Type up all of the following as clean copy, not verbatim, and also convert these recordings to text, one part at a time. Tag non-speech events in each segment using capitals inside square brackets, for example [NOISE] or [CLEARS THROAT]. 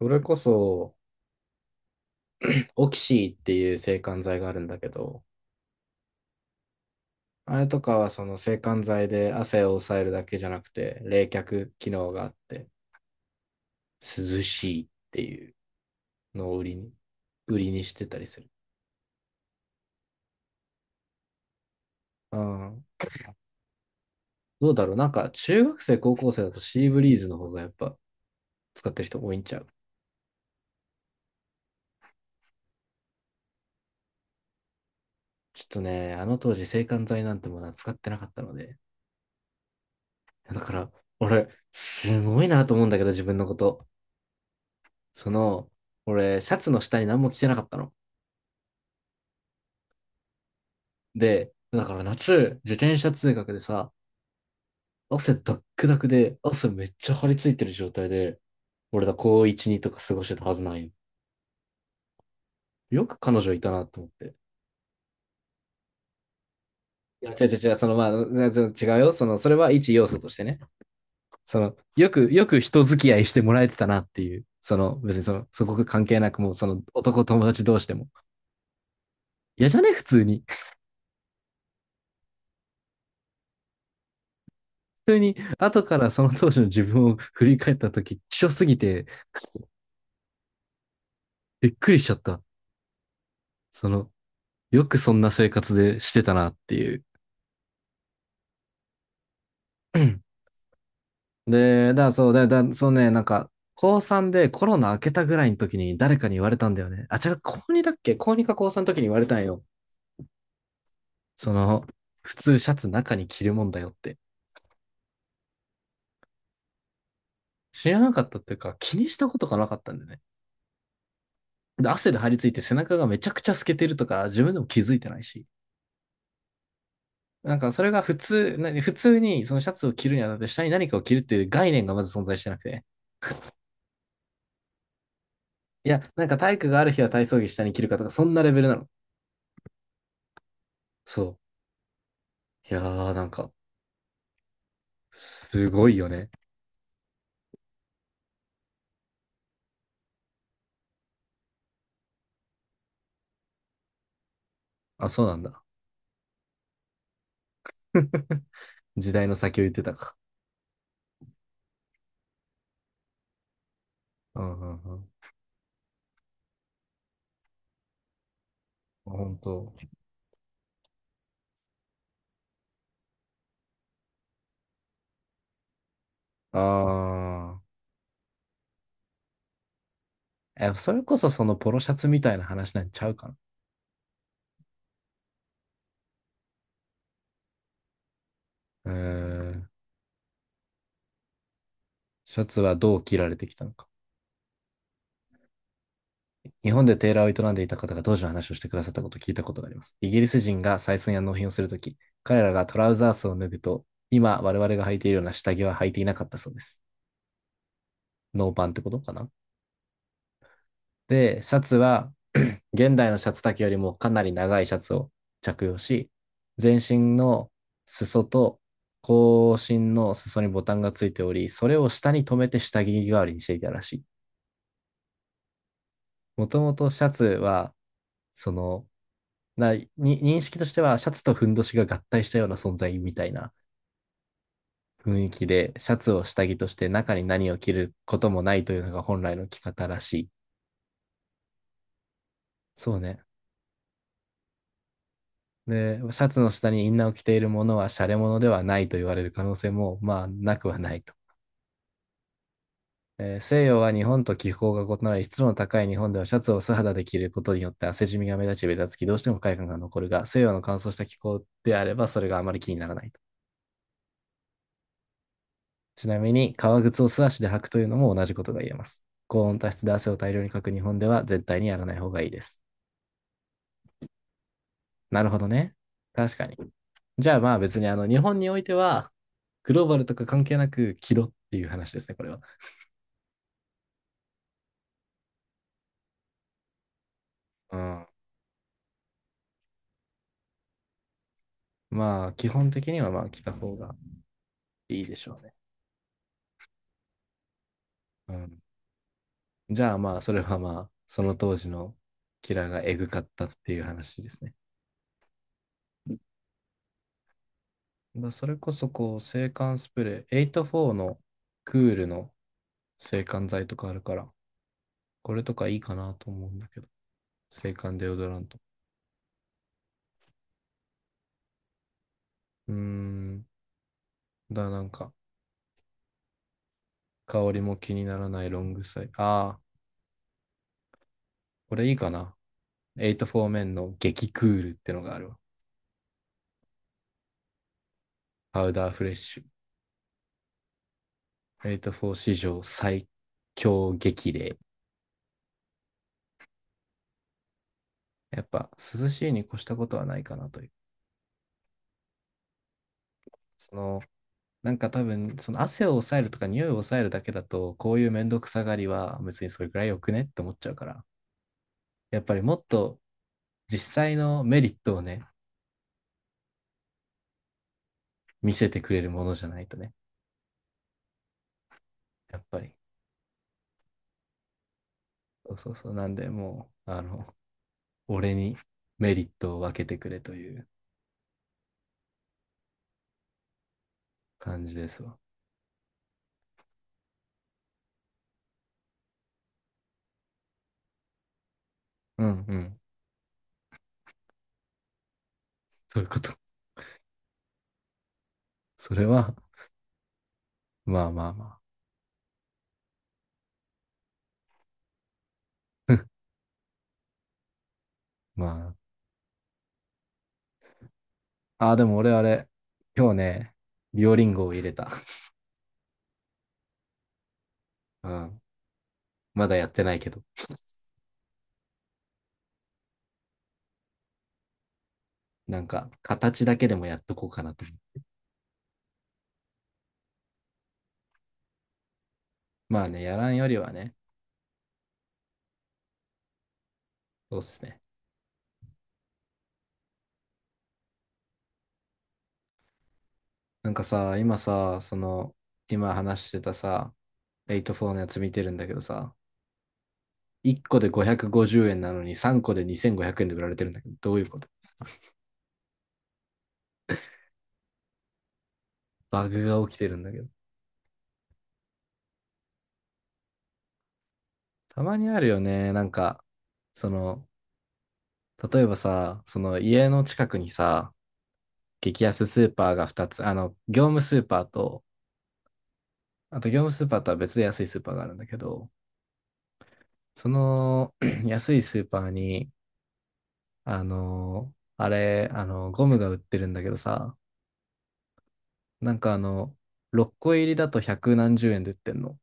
それこそ、オキシーっていう制汗剤があるんだけど、あれとかはその制汗剤で汗を抑えるだけじゃなくて、冷却機能があって、涼しいっていうのを売りにしてたりする。ああ、どうだろう。なんか、中学生、高校生だとシーブリーズの方がやっぱ使ってる人多いんちゃう。ちょっとね、あの当時制汗剤なんてものは使ってなかったので、だから、俺、すごいなと思うんだけど、自分のこと。その、俺、シャツの下に何も着てなかったの。で、だから夏、自転車通学でさ、汗ダックダクで、汗めっちゃ張り付いてる状態で、俺ら高1、2とか過ごしてたはずないよ。よく彼女いたなと思って。いや、違う違う違う、まあ、違う違うよ。それは一要素としてね。よく人付き合いしてもらえてたなっていう。別にそこが関係なくもう、男友達同士でも。嫌じゃね普通に。普通に、後からその当時の自分を振り返った時、希少すぎて、びっくりしちゃった。その、よくそんな生活でしてたなっていう。[LAUGHS] で、だ、そう、だ、だ、そうね、なんか、高3でコロナ明けたぐらいの時に誰かに言われたんだよね。あ、違う、高2だっけ高2か高3の時に言われたんよ。その、普通シャツ中に着るもんだよって。知らなかったっていうか、気にしたことがなかったんだよね。で、汗で張り付いて背中がめちゃくちゃ透けてるとか、自分でも気づいてないし。なんか、それが普通にそのシャツを着るにあたって下に何かを着るっていう概念がまず存在してなくて。いや、なんか体育がある日は体操着下に着るかとか、そんなレベルなの。そう。いやー、なんか、すごいよね。あ、そうなんだ。時代の先を言ってたか。うんうんうん。本当。あー。え、それこそそのポロシャツみたいな話なんちゃうかな。うーん。シャツはどう着られてきたのか。日本でテーラーを営んでいた方が当時の話をしてくださったことを聞いたことがあります。イギリス人が採寸や納品をするとき、彼らがトラウザースを脱ぐと、今我々が履いているような下着は履いていなかったそうです。ノーパンってことかな。で、シャツは現代のシャツ丈よりもかなり長いシャツを着用し、全身の裾と後身の裾にボタンがついており、それを下に留めて下着代わりにしていたらしい。もともとシャツは、その、認識としてはシャツとふんどしが合体したような存在みたいな雰囲気で、シャツを下着として中に何を着ることもないというのが本来の着方らしい。そうね。で、シャツの下にインナーを着ているものはシャレ物ではないと言われる可能性も、まあ、なくはないと。西洋は日本と気候が異なり、湿度の高い日本ではシャツを素肌で着ることによって汗じみが目立ち、べたつき、どうしても不快感が残るが、西洋の乾燥した気候であればそれがあまり気にならないと。ちなみに、革靴を素足で履くというのも同じことが言えます。高温多湿で汗を大量にかく日本では絶対にやらない方がいいです。なるほどね。確かに。じゃあまあ別に日本においてはグローバルとか関係なく着ろっていう話ですね、これは。うん。まあ、基本的にはまあ着た方がいいでしょうね。うん。じゃあまあ、それはまあ、その当時のキラーがエグかったっていう話ですね。まあ、それこそ制汗スプレー、84のクールの制汗剤とかあるから、これとかいいかなと思うんだけど、制汗デオドラント。うーん。なんか、香りも気にならないロングサイ。ああ、これいいかな。84面の激クールってのがあるわ。パウダーフレッシュ。グレイト4史上最強激励。やっぱ涼しいに越したことはないかなという。そのなんか多分、その汗を抑えるとか匂いを抑えるだけだと、こういうめんどくさがりは別にそれくらいよくねって思っちゃうから、やっぱりもっと実際のメリットをね、見せてくれるものじゃないとね、やっぱり。そうそうそう。なんで、もう、俺にメリットを分けてくれという感じですわ。うんうん。そういうこと。それは、まあまあまあ。 [LAUGHS]。まあ、ああ、でも俺あれ、今日ね、ビオリンゴを入れた。[LAUGHS] うん。まだやってないけど、なんか、形だけでもやっとこうかなと思う。まあね、やらんよりはね、そうっすね。なんかさ、今さ、今話してたさ、エイトフォーのやつ見てるんだけどさ、1個で550円なのに3個で2500円で売られてるんだけど、どういうこと？バグが起きてるんだけど。たまにあるよね、なんか、その、例えばさ、その家の近くにさ、激安スーパーが2つ、業務スーパーと、あと業務スーパーとは別で安いスーパーがあるんだけど、その [CLEARS THROAT] 安いスーパーに、あの、あれ、あの、ゴムが売ってるんだけどさ、なんか6個入りだと百何十円で売ってんの。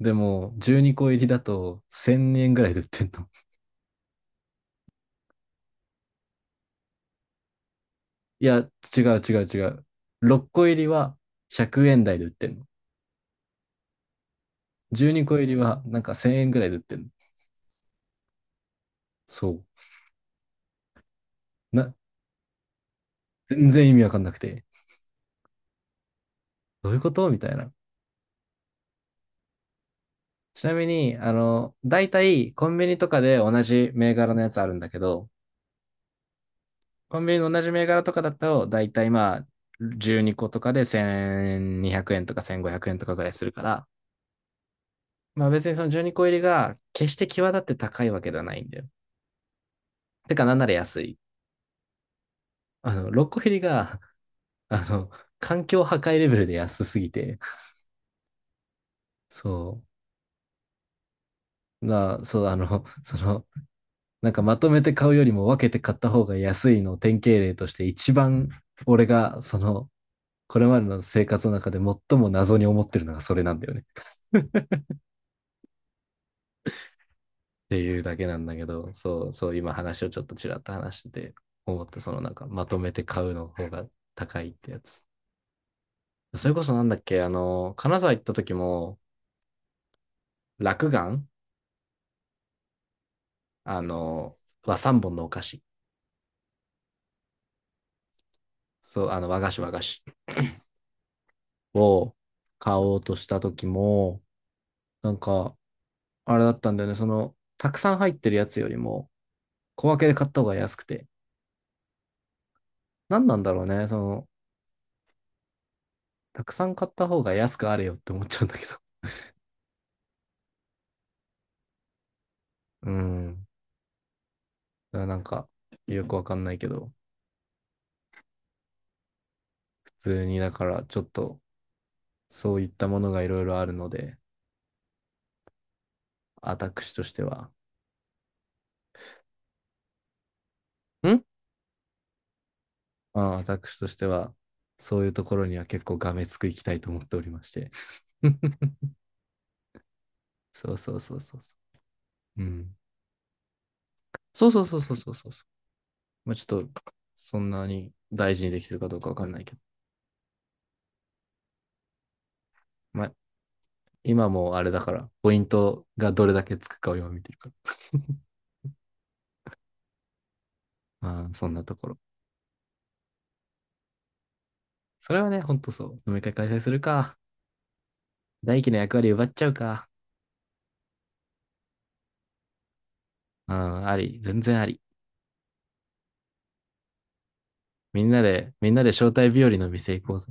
でも、12個入りだと1000円ぐらいで売ってんの。[LAUGHS] いや、違う違う違う。6個入りは100円台で売ってんの。12個入りはなんか1000円ぐらいで売ってんの。そう。な、全然意味わかんなくて。どういうことみたいな。ちなみに、大体コンビニとかで同じ銘柄のやつあるんだけど、コンビニの同じ銘柄とかだと、大体まあ、12個とかで1200円とか1500円とかぐらいするから、まあ別にその12個入りが決して際立って高いわけではないんだよ。てかなんなら安い。6個入りが、あの、環境破壊レベルで安すぎて、そう。そう、なんかまとめて買うよりも分けて買った方が安いのを典型例として一番俺がこれまでの生活の中で最も謎に思ってるのがそれなんだよねっていうだけなんだけど。そうそう、今話をちょっとちらっと話してて思った。なんかまとめて買うの方が高いってやつ。それこそなんだっけ、あの金沢行った時も、落眼、あのは三本のお菓子。そう、和菓子和菓子を買おうとした時も、なんかあれだったんだよね。たくさん入ってるやつよりも、小分けで買った方が安くて。何なんだろうね。たくさん買った方が安くあれよって思っちゃうんだけど。[LAUGHS] うん。だからなんか、よくわかんないけど、普通に、だから、ちょっと、そういったものがいろいろあるので、私としては、ん私としては、そういうところには結構がめつくいきたいと思っておりまして。[LAUGHS] そうそうそうそうそう。うん。そうそうそうそうそうそうそう。まあ、ちょっと、そんなに大事にできてるかどうかわかんないけど。まあ、今もあれだから、ポイントがどれだけつくかを今見てるから。まあ、そんなところ。それはね、ほんとそう。飲み会開催するか。大輝の役割奪っちゃうか。うん、あり。全然あり。みんなで招待日和の店行こうぜ。